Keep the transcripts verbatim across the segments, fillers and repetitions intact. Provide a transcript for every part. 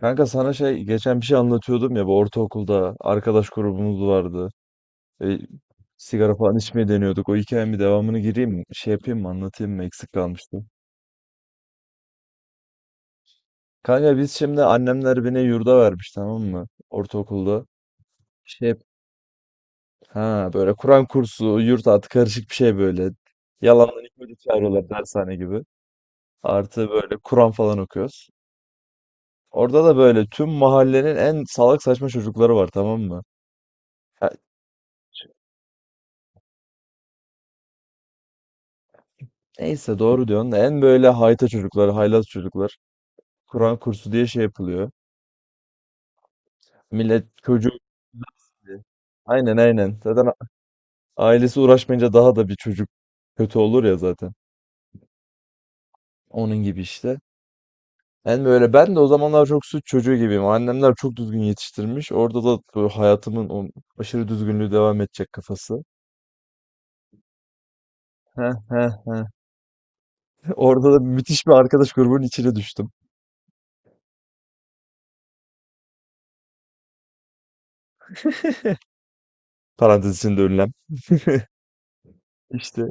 Kanka sana şey geçen bir şey anlatıyordum ya, bu ortaokulda arkadaş grubumuz vardı. E, Sigara falan içmeye deniyorduk. O hikayenin bir devamını gireyim mi? Şey yapayım mı? Anlatayım mı? Eksik kalmıştı. Kanka biz şimdi annemler beni yurda vermiş, tamam mı? Ortaokulda. Şey, ha, böyle Kur'an kursu, yurt artı karışık bir şey böyle. Yalandan ilk böyle çağırıyorlar, dershane gibi. Artı böyle Kur'an falan okuyoruz. Orada da böyle tüm mahallenin en salak saçma çocukları var, tamam mı? Neyse, doğru diyorsun. En böyle hayta çocuklar, haylaz çocuklar. Kur'an kursu diye şey yapılıyor. Millet çocuğu. Aynen aynen. Zaten a- ailesi uğraşmayınca daha da bir çocuk kötü olur ya zaten. Onun gibi işte. En böyle ben de o zamanlar çok suç çocuğu gibiyim. Annemler çok düzgün yetiştirmiş. Orada da böyle hayatımın o aşırı düzgünlüğü devam edecek kafası. Heh, heh, heh. Orada da müthiş bir arkadaş grubunun içine düştüm. Parantez içinde ünlem. İşte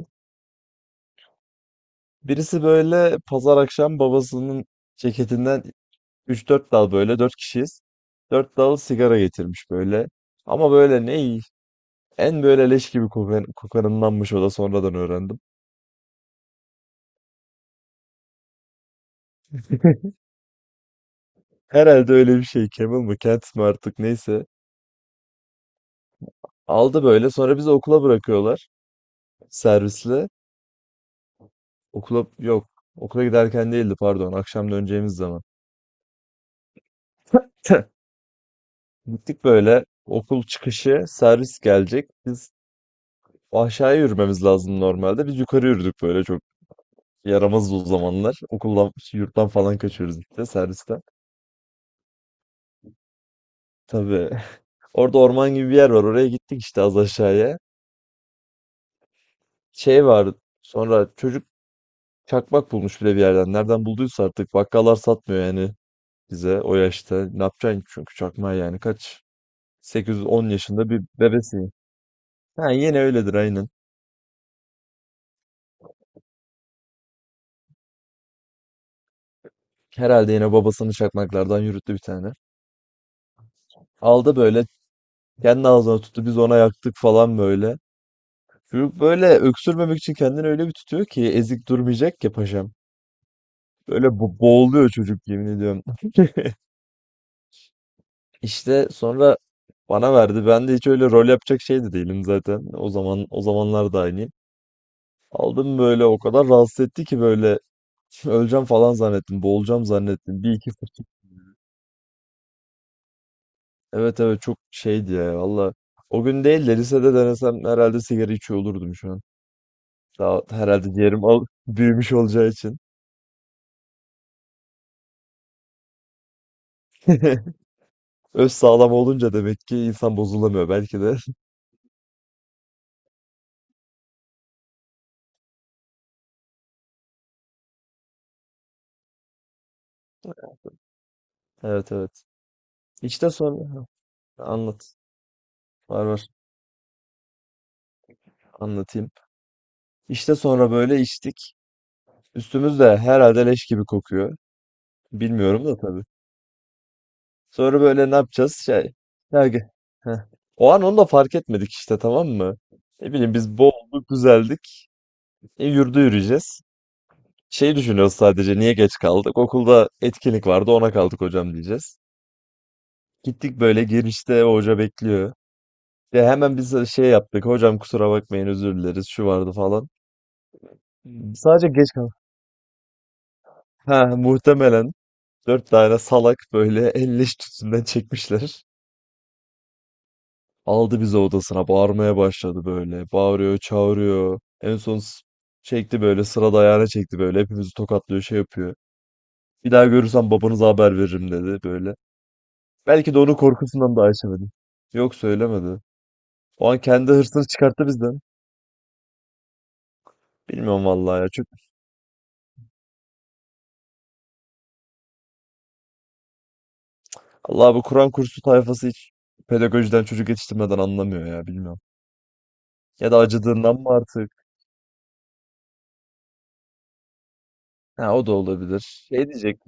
birisi böyle pazar akşam babasının ceketinden üç dört dal, böyle dört kişiyiz, dört dal sigara getirmiş böyle. Ama böyle ne, en böyle leş gibi kokan, kokanındanmış, o da sonradan öğrendim. Herhalde öyle bir şey, Camel mı Kent mi artık, neyse. Aldı böyle, sonra bizi okula bırakıyorlar servisle. Okula yok, okula giderken değildi, pardon, akşam döneceğimiz zaman. Gittik böyle, okul çıkışı servis gelecek. Biz aşağıya yürümemiz lazım normalde. Biz yukarı yürüdük böyle, çok yaramazdı o zamanlar. Okuldan, yurttan falan kaçıyoruz işte, servisten. Tabii. Orada orman gibi bir yer var. Oraya gittik işte, az aşağıya. Şey var. Sonra çocuk çakmak bulmuş bile bir yerden. Nereden bulduysa artık. Bakkallar satmıyor yani bize o yaşta. Ne yapacaksın çünkü çakmağı yani, kaç? sekiz ila on yaşında bir bebesin. Ha, yine öyledir aynen. Herhalde yine babasının çakmaklardan yürüttü bir tane. Aldı böyle, kendi ağzına tuttu, biz ona yaktık falan böyle. Çocuk böyle öksürmemek için kendini öyle bir tutuyor ki, ezik durmayacak ya paşam. Böyle bo- boğuluyor çocuk, yemin ediyorum. İşte sonra bana verdi. Ben de hiç öyle rol yapacak şey de değilim zaten. O zaman o zamanlar da aynıyım. Aldım böyle, o kadar rahatsız etti ki böyle, öleceğim falan zannettim. Boğulacağım zannettim. Bir iki fır- evet evet, çok şeydi ya valla. O gün değil de lisede denesem herhalde sigara içiyor olurdum şu an. Daha herhalde ciğerim al büyümüş olacağı için. Öz sağlam olunca demek ki insan bozulamıyor belki de. Evet evet. İşte sonra ha, anlat. Var var, anlatayım. İşte sonra böyle içtik. Üstümüz de herhalde leş gibi kokuyor. Bilmiyorum da tabii. Sonra böyle ne yapacağız? Şey. Ya, ge- heh. O an onu da fark etmedik işte, tamam mı? Ne bileyim, biz boğulduk güzeldik. E, yürüdü, yürüyeceğiz. Şey düşünüyoruz, sadece niye geç kaldık? Okulda etkinlik vardı, ona kaldık hocam diyeceğiz. Gittik böyle, girişte o hoca bekliyor. Ya hemen biz de şey yaptık. Hocam kusura bakmayın, özür dileriz, şu vardı falan. Sadece geç kaldık. Ha muhtemelen dört tane salak böyle elleş tütünden çekmişler. Aldı bizi odasına, bağırmaya başladı böyle. Bağırıyor çağırıyor. En son s- çekti böyle sırada, ayağına çekti böyle. Hepimizi tokatlıyor, şey yapıyor. Bir daha görürsem babanıza haber veririm dedi böyle. Belki de onun korkusundan daha içemedim. Yok, söylemedi. O an kendi hırsını çıkarttı bizden. Bilmiyorum vallahi ya. Çünkü Allah, bu Kur'an kursu tayfası hiç pedagojiden, çocuk yetiştirmeden anlamıyor ya, bilmiyorum. Ya da acıdığından mı artık? Ha, o da olabilir. Şey diyecek.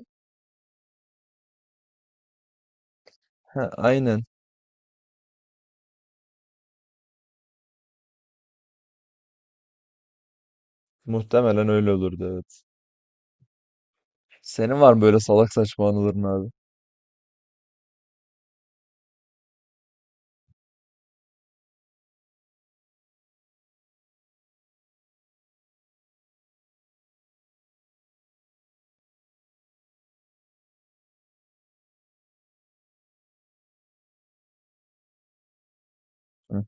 Ha aynen. Muhtemelen öyle olurdu, evet. Senin var mı böyle salak saçma anıların abi? Hı.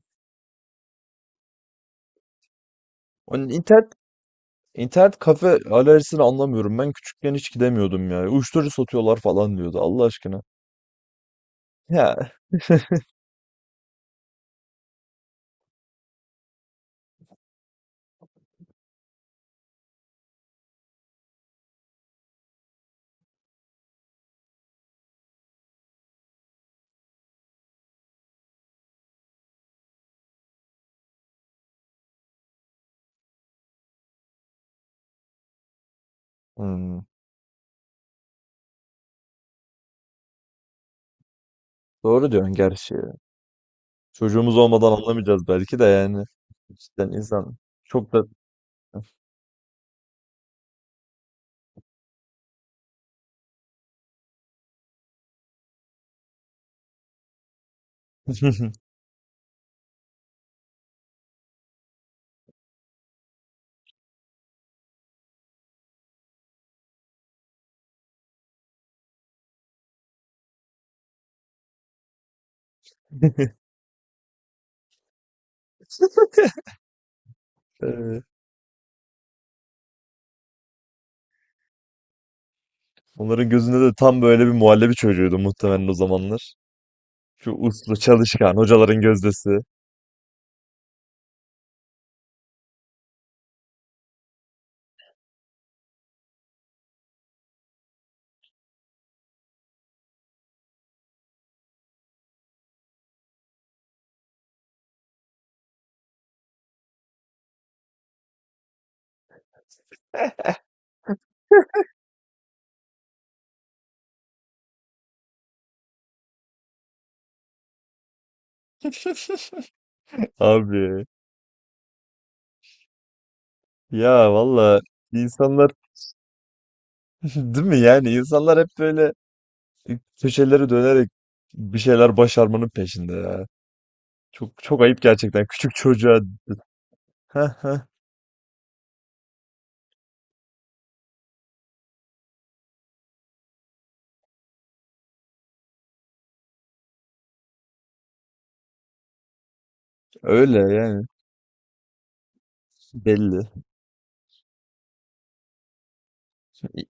Onun internet internet kafe alerjisini anlamıyorum. Ben küçükken hiç gidemiyordum ya. Uyuşturucu satıyorlar falan diyordu, Allah aşkına. Ya. Hmm. Doğru diyorsun gerçi. Çocuğumuz olmadan anlamayacağız belki de yani. Cidden insan çok da... Evet. Onların gözünde de tam böyle bir muhallebi çocuğuydu muhtemelen o zamanlar. Şu uslu, çalışkan, hocaların gözdesi. Abi ya valla, insanlar değil mi yani, insanlar hep böyle köşeleri dönerek bir şeyler başarmanın peşinde ya. Çok çok ayıp gerçekten, küçük çocuğa. Heh, heh. Öyle yani, belli. İ-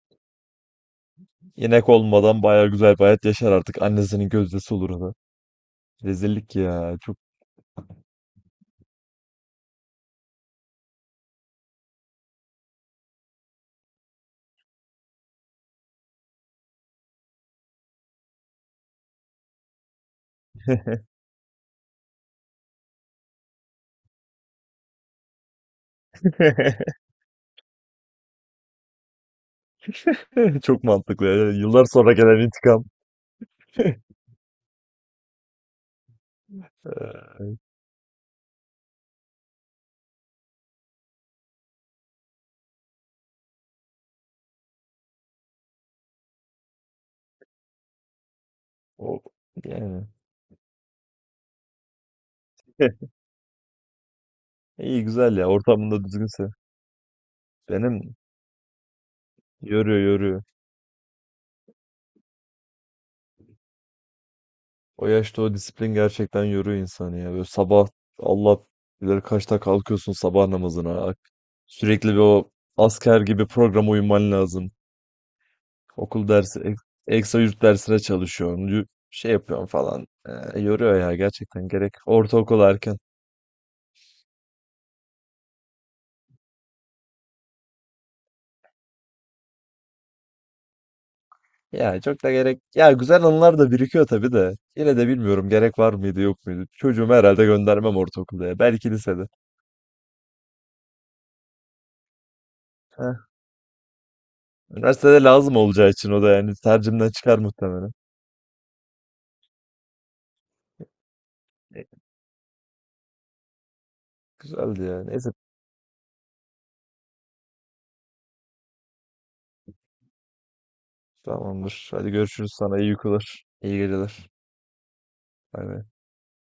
İnek olmadan baya güzel bir hayat yaşar artık. Annesinin gözdesi olur da. Rezillik ya. Çok çok mantıklı. Yani yıllar sonra gelen intikam. Ee, o yani. İyi güzel ya, ortamında düzgünse. Benim yoruyor, yoruyor. O yaşta o disiplin gerçekten yoruyor insanı ya. Böyle sabah Allah bilir kaçta kalkıyorsun sabah namazına. Ak- Sürekli bir o asker gibi programa uyman lazım. Okul dersi, ek- ekstra yurt dersine çalışıyorsun. yu- Şey yapıyorsun falan. Ee, yoruyor ya gerçekten, gerek. Ortaokul erken. Ya çok da gerek. Ya güzel anılar da birikiyor tabii de. Yine de bilmiyorum, gerek var mıydı yok muydu. Çocuğumu herhalde göndermem ortaokulda ya. Belki lisede. Heh. Üniversitede lazım olacağı için o da yani tercihimden çıkar muhtemelen. Güzeldi ya. Neyse, tamamdır. Hadi görüşürüz sana. İyi uykular. İyi geceler. Bay bay.